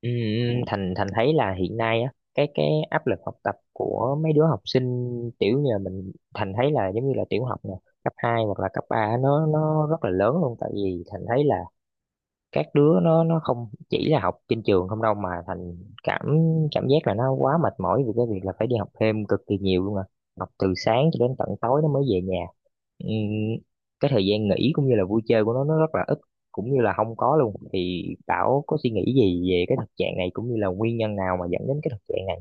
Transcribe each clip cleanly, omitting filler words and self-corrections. Ừ, Thành Thành thấy là hiện nay á cái áp lực học tập của mấy đứa học sinh tiểu như là mình Thành thấy là giống như là tiểu học nè, cấp 2 hoặc là cấp 3, nó rất là lớn luôn. Tại vì Thành thấy là các đứa nó không chỉ là học trên trường không đâu mà thành cảm cảm giác là nó quá mệt mỏi vì cái việc là phải đi học thêm cực kỳ nhiều luôn à, học từ sáng cho đến tận tối nó mới về nhà. Ừm, cái thời gian nghỉ cũng như là vui chơi của nó rất là ít, cũng như là không có luôn. Thì Bảo có suy nghĩ gì về cái thực trạng này cũng như là nguyên nhân nào mà dẫn đến cái thực trạng này?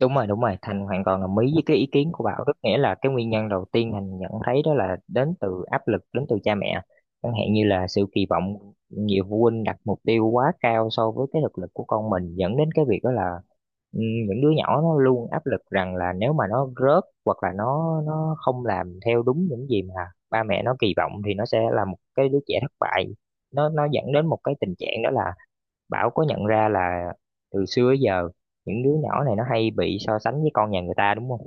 Đúng rồi, Thành hoàn toàn đồng ý với cái ý kiến của Bảo. Rất nghĩa là cái nguyên nhân đầu tiên Thành nhận thấy đó là đến từ áp lực, đến từ cha mẹ. Chẳng hạn như là sự kỳ vọng, nhiều phụ huynh đặt mục tiêu quá cao so với cái thực lực của con mình, dẫn đến cái việc đó là, ừ, những đứa nhỏ nó luôn áp lực rằng là nếu mà nó rớt hoặc là nó không làm theo đúng những gì mà ba mẹ nó kỳ vọng thì nó sẽ là một cái đứa trẻ thất bại. Nó dẫn đến một cái tình trạng đó là, Bảo có nhận ra là từ xưa tới giờ những đứa nhỏ này nó hay bị so sánh với con nhà người ta đúng không?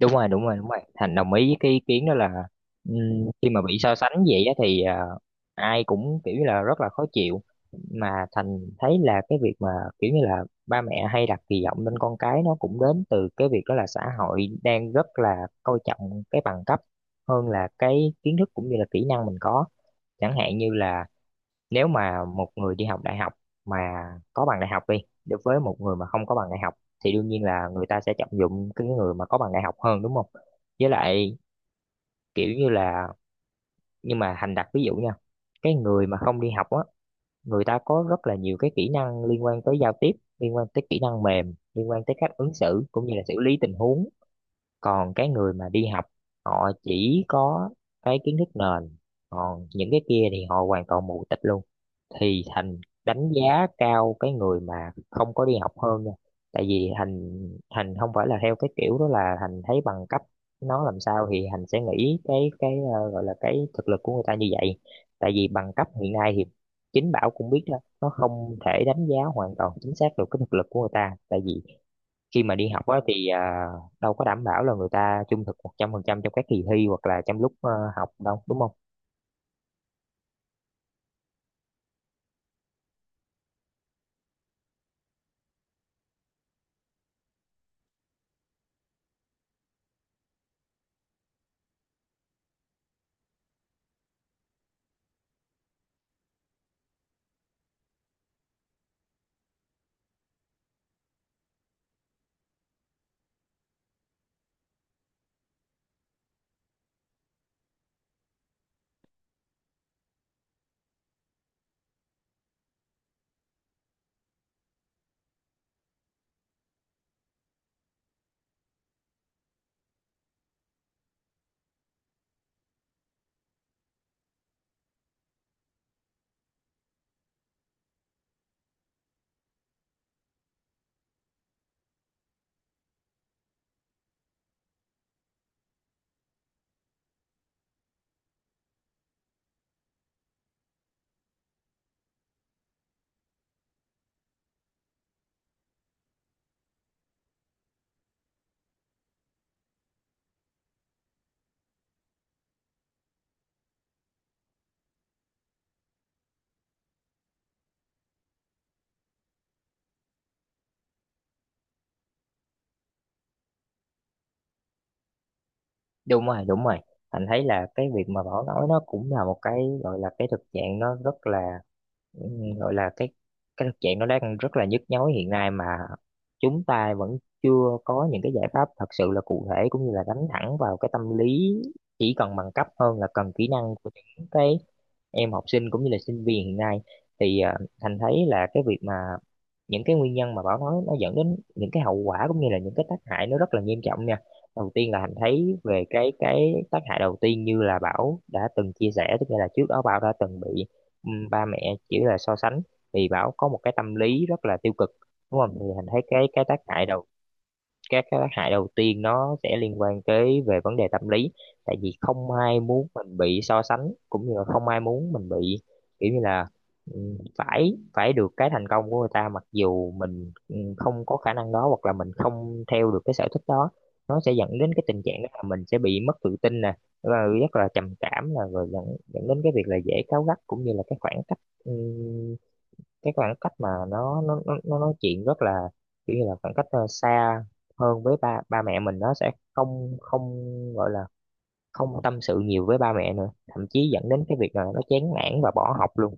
Đúng rồi, đúng rồi, đúng rồi. Thành đồng ý với cái ý kiến đó là, khi mà bị so sánh vậy á thì, à, ai cũng kiểu như là rất là khó chịu. Mà Thành thấy là cái việc mà kiểu như là ba mẹ hay đặt kỳ vọng lên con cái, nó cũng đến từ cái việc đó là xã hội đang rất là coi trọng cái bằng cấp hơn là cái kiến thức cũng như là kỹ năng mình có. Chẳng hạn như là nếu mà một người đi học đại học mà có bằng đại học đi, đối với một người mà không có bằng đại học, thì đương nhiên là người ta sẽ trọng dụng cái người mà có bằng đại học hơn đúng không. Với lại kiểu như là, nhưng mà Thành đặt ví dụ nha, cái người mà không đi học á, người ta có rất là nhiều cái kỹ năng liên quan tới giao tiếp, liên quan tới kỹ năng mềm, liên quan tới cách ứng xử cũng như là xử lý tình huống. Còn cái người mà đi học, họ chỉ có cái kiến thức nền, còn những cái kia thì họ hoàn toàn mù tịt luôn. Thì Thành đánh giá cao cái người mà không có đi học hơn nha. Tại vì Thành Thành không phải là theo cái kiểu đó, là Thành thấy bằng cấp nó làm sao thì Thành sẽ nghĩ cái gọi là cái thực lực của người ta như vậy. Tại vì bằng cấp hiện nay thì chính Bảo cũng biết đó, nó không thể đánh giá hoàn toàn chính xác được cái thực lực của người ta. Tại vì khi mà đi học á thì, à, đâu có đảm bảo là người ta trung thực 100% trong các kỳ thi hoặc là trong lúc học đâu đúng không. Đúng rồi, đúng rồi, anh thấy là cái việc mà Bảo nói nó cũng là một cái gọi là cái thực trạng nó rất là, ừm, gọi là cái thực trạng nó đang rất là nhức nhối hiện nay, mà chúng ta vẫn chưa có những cái giải pháp thật sự là cụ thể cũng như là đánh thẳng vào cái tâm lý chỉ cần bằng cấp hơn là cần kỹ năng của những cái em học sinh cũng như là sinh viên hiện nay. Thì Thành thấy là cái việc mà những cái nguyên nhân mà Bảo nói, nó dẫn đến những cái hậu quả cũng như là những cái tác hại nó rất là nghiêm trọng nha. Đầu tiên là Thành thấy về cái tác hại đầu tiên, như là Bảo đã từng chia sẻ, tức là trước đó Bảo đã từng bị, ừ, ba mẹ chỉ là so sánh, thì bảo có một cái tâm lý rất là tiêu cực đúng không. Thì thành thấy cái tác hại đầu, các cái tác hại đầu tiên nó sẽ liên quan tới về vấn đề tâm lý. Tại vì không ai muốn mình bị so sánh cũng như là không ai muốn mình bị, kiểu như là, ừ, phải phải được cái thành công của người ta mặc dù mình, ừ, không có khả năng đó hoặc là mình không theo được cái sở thích đó. Nó sẽ dẫn đến cái tình trạng đó là mình sẽ bị mất tự tin nè, và rất là trầm cảm, là rồi dẫn dẫn đến cái việc là dễ cáu gắt cũng như là cái khoảng cách, ừ, cái khoảng cách mà nó nói chuyện rất là, kiểu như là, khoảng cách xa hơn với ba ba mẹ mình, nó sẽ không không gọi là không tâm sự nhiều với ba mẹ nữa, thậm chí dẫn đến cái việc là nó chán nản và bỏ học luôn.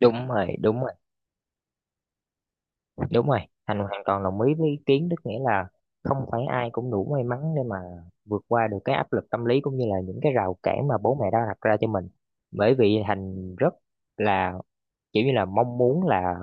Đúng rồi, đúng rồi, đúng rồi. Thành hoàn toàn đồng ý với ý kiến, tức nghĩa là không phải ai cũng đủ may mắn để mà vượt qua được cái áp lực tâm lý cũng như là những cái rào cản mà bố mẹ đã đặt ra cho mình. Bởi vì Thành rất là kiểu như là mong muốn là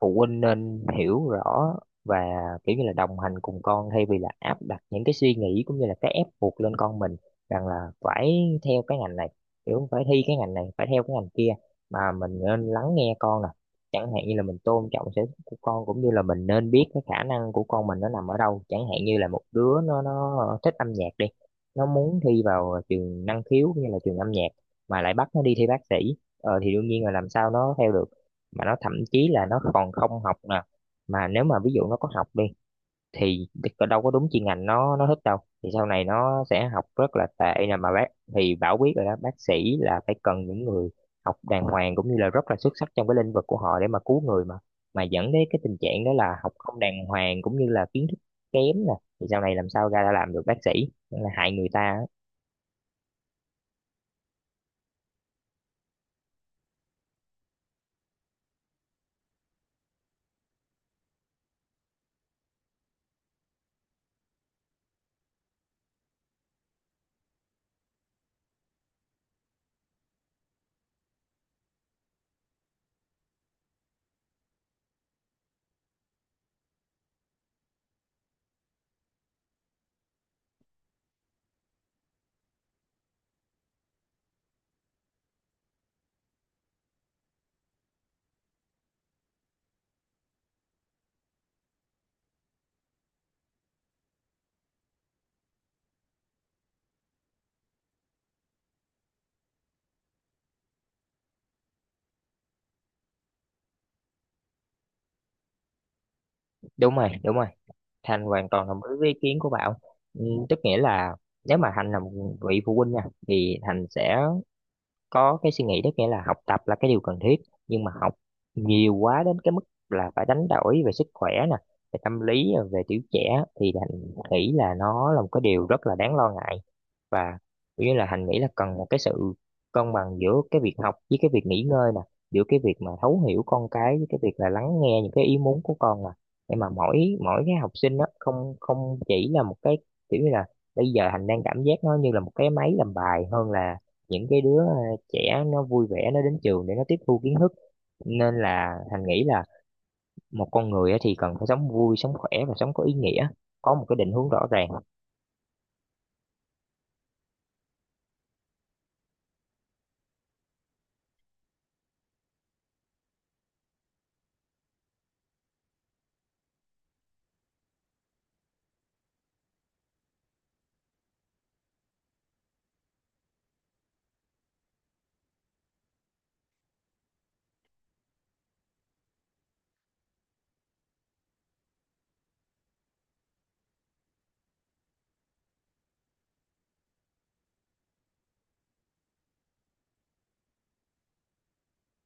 phụ huynh nên hiểu rõ và kiểu như là đồng hành cùng con thay vì là áp đặt những cái suy nghĩ cũng như là cái ép buộc lên con mình, rằng là phải theo cái ngành này, kiểu phải thi cái ngành này, phải theo cái ngành kia. Mà mình nên lắng nghe con nè, chẳng hạn như là mình tôn trọng sở thích của con, cũng như là mình nên biết cái khả năng của con mình nó nằm ở đâu. Chẳng hạn như là một đứa nó thích âm nhạc đi, nó muốn thi vào trường năng khiếu cũng như là trường âm nhạc, mà lại bắt nó đi thi bác sĩ, ờ, thì đương nhiên là làm sao nó theo được, mà nó thậm chí là nó còn không học nè. Mà nếu mà ví dụ nó có học đi thì đâu có đúng chuyên ngành nó thích đâu, thì sau này nó sẽ học rất là tệ nè mà bác. Thì Bảo biết rồi đó, bác sĩ là phải cần những người học đàng hoàng cũng như là rất là xuất sắc trong cái lĩnh vực của họ để mà cứu người mà. Mà dẫn đến cái tình trạng đó là học không đàng hoàng cũng như là kiến thức kém nè, thì sau này làm sao ra đã làm được bác sĩ. Nên là hại người ta á. Đúng rồi, đúng rồi. Thành hoàn toàn đồng ý với ý kiến của bạn. Ừ, tức nghĩa là nếu mà Thành là một vị phụ huynh nha, thì Thành sẽ có cái suy nghĩ, tức nghĩa là học tập là cái điều cần thiết, nhưng mà học nhiều quá đến cái mức là phải đánh đổi về sức khỏe nè, về tâm lý, về tuổi trẻ, thì Thành nghĩ là nó là một cái điều rất là đáng lo ngại. Và kiểu như là Thành nghĩ là cần một cái sự cân bằng giữa cái việc học với cái việc nghỉ ngơi nè, giữa cái việc mà thấu hiểu con cái với cái việc là lắng nghe những cái ý muốn của con nè, để mà mỗi mỗi cái học sinh đó không không chỉ là một cái, kiểu như là, bây giờ Thành đang cảm giác nó như là một cái máy làm bài hơn là những cái đứa trẻ nó vui vẻ nó đến trường để nó tiếp thu kiến thức. Nên là Thành nghĩ là một con người á thì cần phải sống vui sống khỏe và sống có ý nghĩa, có một cái định hướng rõ ràng.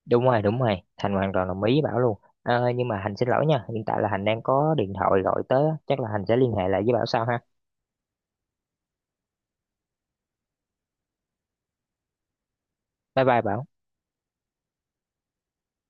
Đúng rồi, đúng rồi, Thành hoàn toàn đồng ý với Bảo luôn. Ờ, nhưng mà Hành xin lỗi nha, hiện tại là Hành đang có điện thoại gọi tới á. Chắc là Hành sẽ liên hệ lại với Bảo sau ha. Bye bye Bảo.